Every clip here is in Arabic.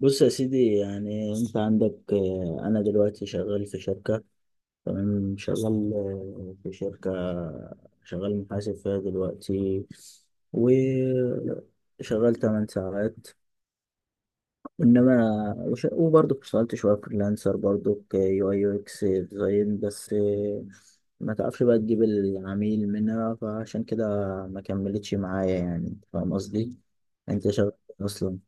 بص يا سيدي يعني انت عندك انا دلوقتي شغال في شركة. تمام شغال في شركة. شغال محاسب فيها دلوقتي وشغال 8 ساعات. انما وبرضه اشتغلت شوية فريلانسر برضه كيو اي يو اكس ديزاين بس، ما تعرفش بقى تجيب العميل منها، فعشان كده ما كملتش معايا. يعني فاهم قصدي. انت شغال إيه اصلا؟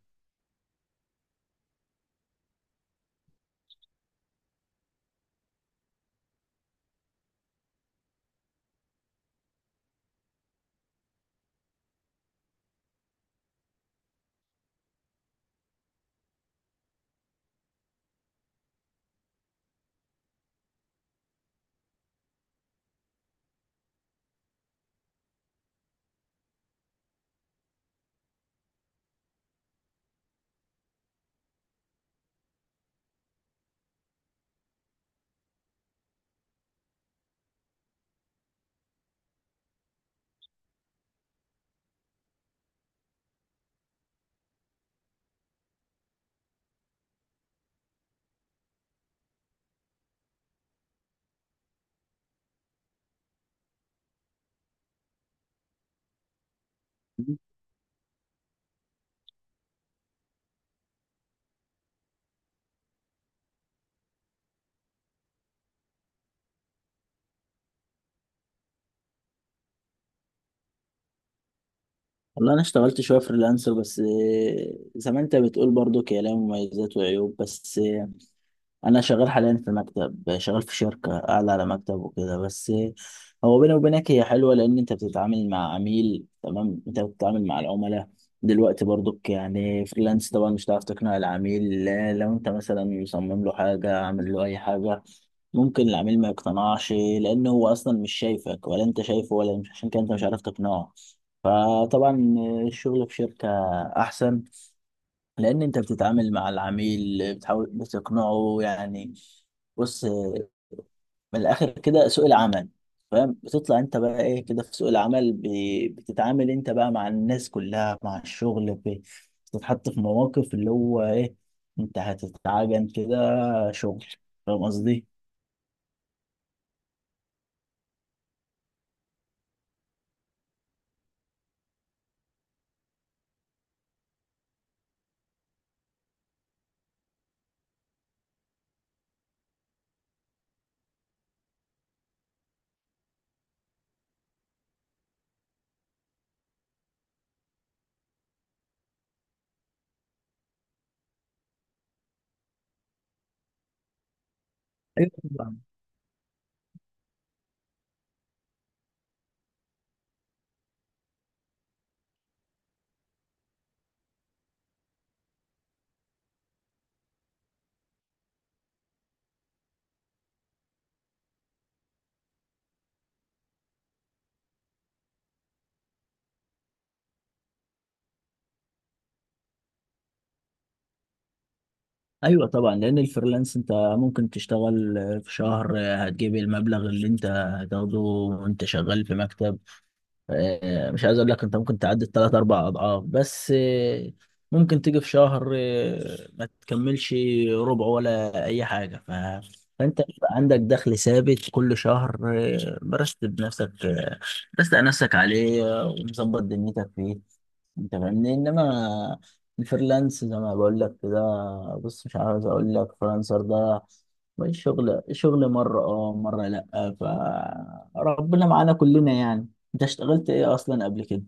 والله انا اشتغلت شويه فريلانسر بس، زي ما انت بتقول برضو هي لها مميزات وعيوب. بس انا شغال حاليا في مكتب، شغال في شركه اعلى على مكتب وكده بس. هو بيني وبينك هي حلوه لان انت بتتعامل مع عميل. تمام، انت بتتعامل مع العملاء دلوقتي. برضك يعني فريلانس طبعا مش هتعرف تقنع العميل لا، لو انت مثلا مصمم له حاجه، عامل له اي حاجه، ممكن العميل ما يقتنعش لانه هو اصلا مش شايفك ولا انت شايفه، ولا مش عشان كده انت مش عارف تقنعه. فطبعا الشغل في شركه احسن، لان انت بتتعامل مع العميل، بتحاول بتقنعه يعني. بص، من الاخر كده سوق العمل، فاهم، بتطلع انت بقى ايه كده في سوق العمل بتتعامل انت بقى مع الناس كلها، مع الشغل بتتحط في مواقف اللي هو ايه، انت هتتعجن كده شغل. فاهم قصدي. ايوه طبعا. ايوه طبعا، لان الفريلانس انت ممكن تشتغل في شهر هتجيب المبلغ اللي انت هتاخده، وانت شغال في مكتب مش عايز اقول لك انت ممكن تعدي الثلاث اربع اضعاف، بس ممكن تيجي في شهر ما تكملش ربع ولا اي حاجه فانت بيبقى عندك دخل ثابت كل شهر، برست بنفسك، برست على نفسك عليه، ومظبط دنيتك فيه. انت فاهمني. انما الفريلانس زي ما بقول لك كده، بص مش عاوز اقول لك فريلانسر، ده الشغل شغل شغل مرة اه مرة لأ، فربنا معانا كلنا يعني. انت اشتغلت ايه اصلا قبل كده؟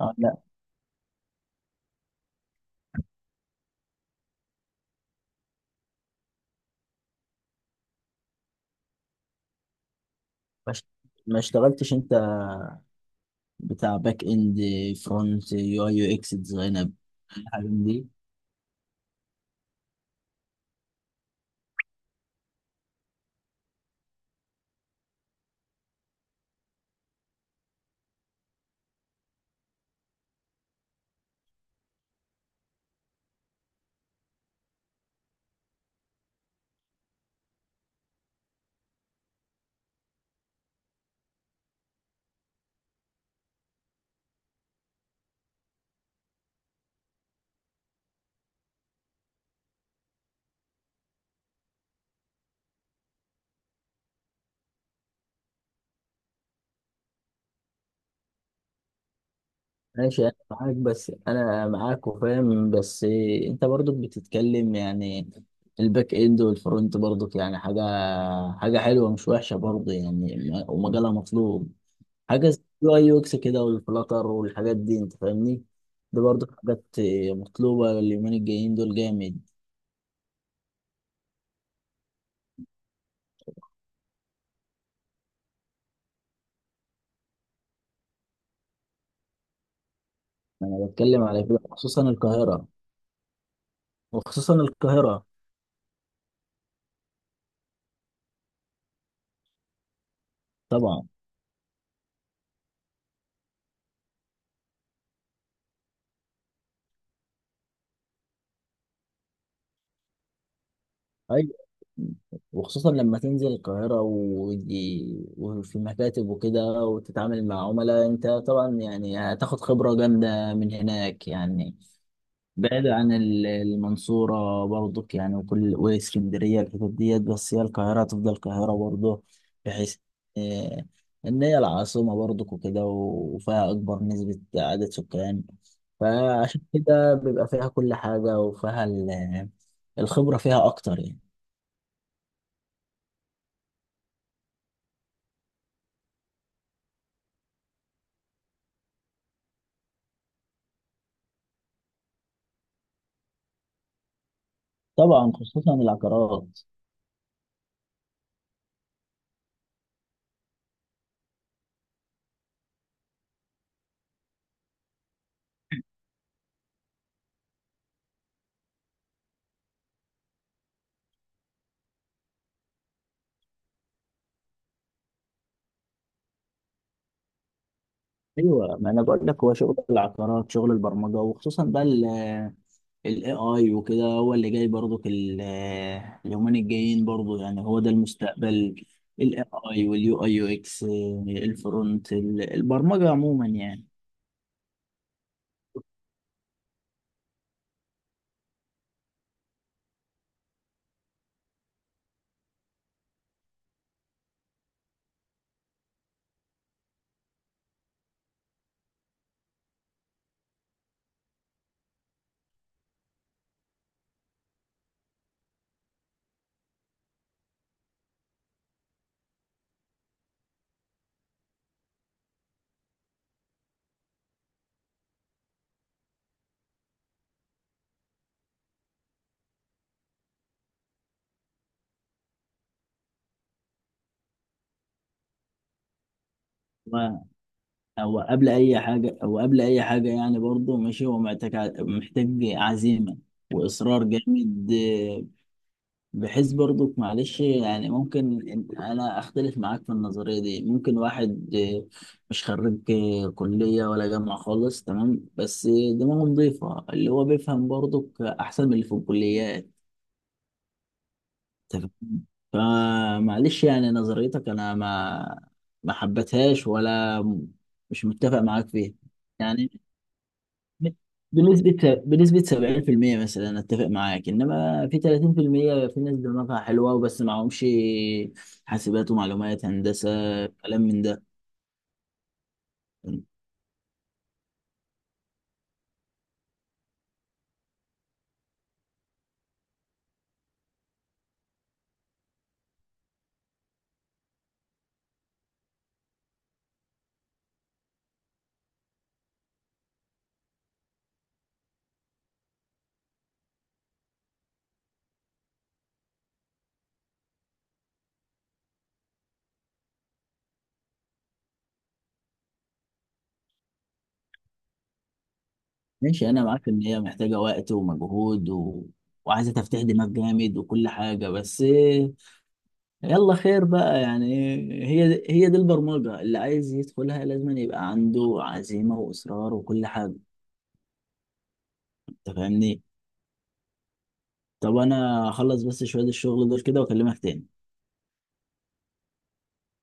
اه، لا. ما اشت- ما اشتغلتش انت بتاع باك اند، فرونت، يو اي يو اكس ديزاين، الحاجات دي؟ ماشي انا معاك، بس انا معاك وفاهم. بس انت برضك بتتكلم يعني الباك اند والفرونت، برضك يعني حاجه، حاجه حلوه مش وحشه برضه يعني. ومجالها مطلوب. حاجه زي اليو اي يو اكس كده، والفلاتر والحاجات دي، انت فاهمني. دي برضه حاجات مطلوبه، اليومين الجايين دول جامد. بتكلم على كده خصوصا القاهره. وخصوصا القاهره طبعا. ايوه، وخصوصا لما تنزل القاهرة ودي، وفي مكاتب وكده، وتتعامل مع عملاء، انت طبعا يعني هتاخد خبرة جامدة من هناك يعني. بعيد عن المنصورة برضك يعني، وكل واسكندرية الحتت ديت، بس هي القاهرة هتفضل القاهرة برضه. بحيث آه، ان هي العاصمة برضك وكده، وفيها اكبر نسبة عدد سكان، فعشان كده بيبقى فيها كل حاجة، وفيها الخبرة فيها اكتر يعني. طبعا، خصوصا العقارات. ايوه، ما انا بقول لك هو شغل العقارات، شغل البرمجه، وخصوصا بقى الاي اي وكده، هو اللي جاي برضو اليومين الجايين برضو يعني، هو ده المستقبل. الاي اي، واليو اي يو اكس، الفرونت، البرمجه عموما يعني. و- هو قبل اي حاجه، هو قبل اي حاجه يعني برضو ماشي، هو محتاج محتاج عزيمه واصرار جامد. بحيث برضك، معلش يعني، ممكن انا اختلف معاك في النظريه دي. ممكن واحد مش خريج كليه ولا جامعه خالص، تمام، بس دماغه نظيفه، اللي هو بيفهم برضك احسن من اللي في الكليات. أنت فاهم؟ فمعلش يعني نظريتك انا ما حبتهاش، ولا مش متفق معاك فيها. يعني بنسبة 70% مثلا أنا اتفق معاك، انما في 30% في المية في ناس دماغها حلوة وبس، معهمش حاسبات ومعلومات هندسة كلام من ده. ماشي انا معاك ان هي محتاجة وقت ومجهود وعايزة تفتح دماغ جامد وكل حاجة. بس يلا خير بقى يعني. هي هي دي البرمجة، اللي عايز يدخلها لازم يبقى عنده عزيمة وإصرار وكل حاجة. انت فاهمني. طب انا هخلص بس شوية الشغل دول كده واكلمك تاني.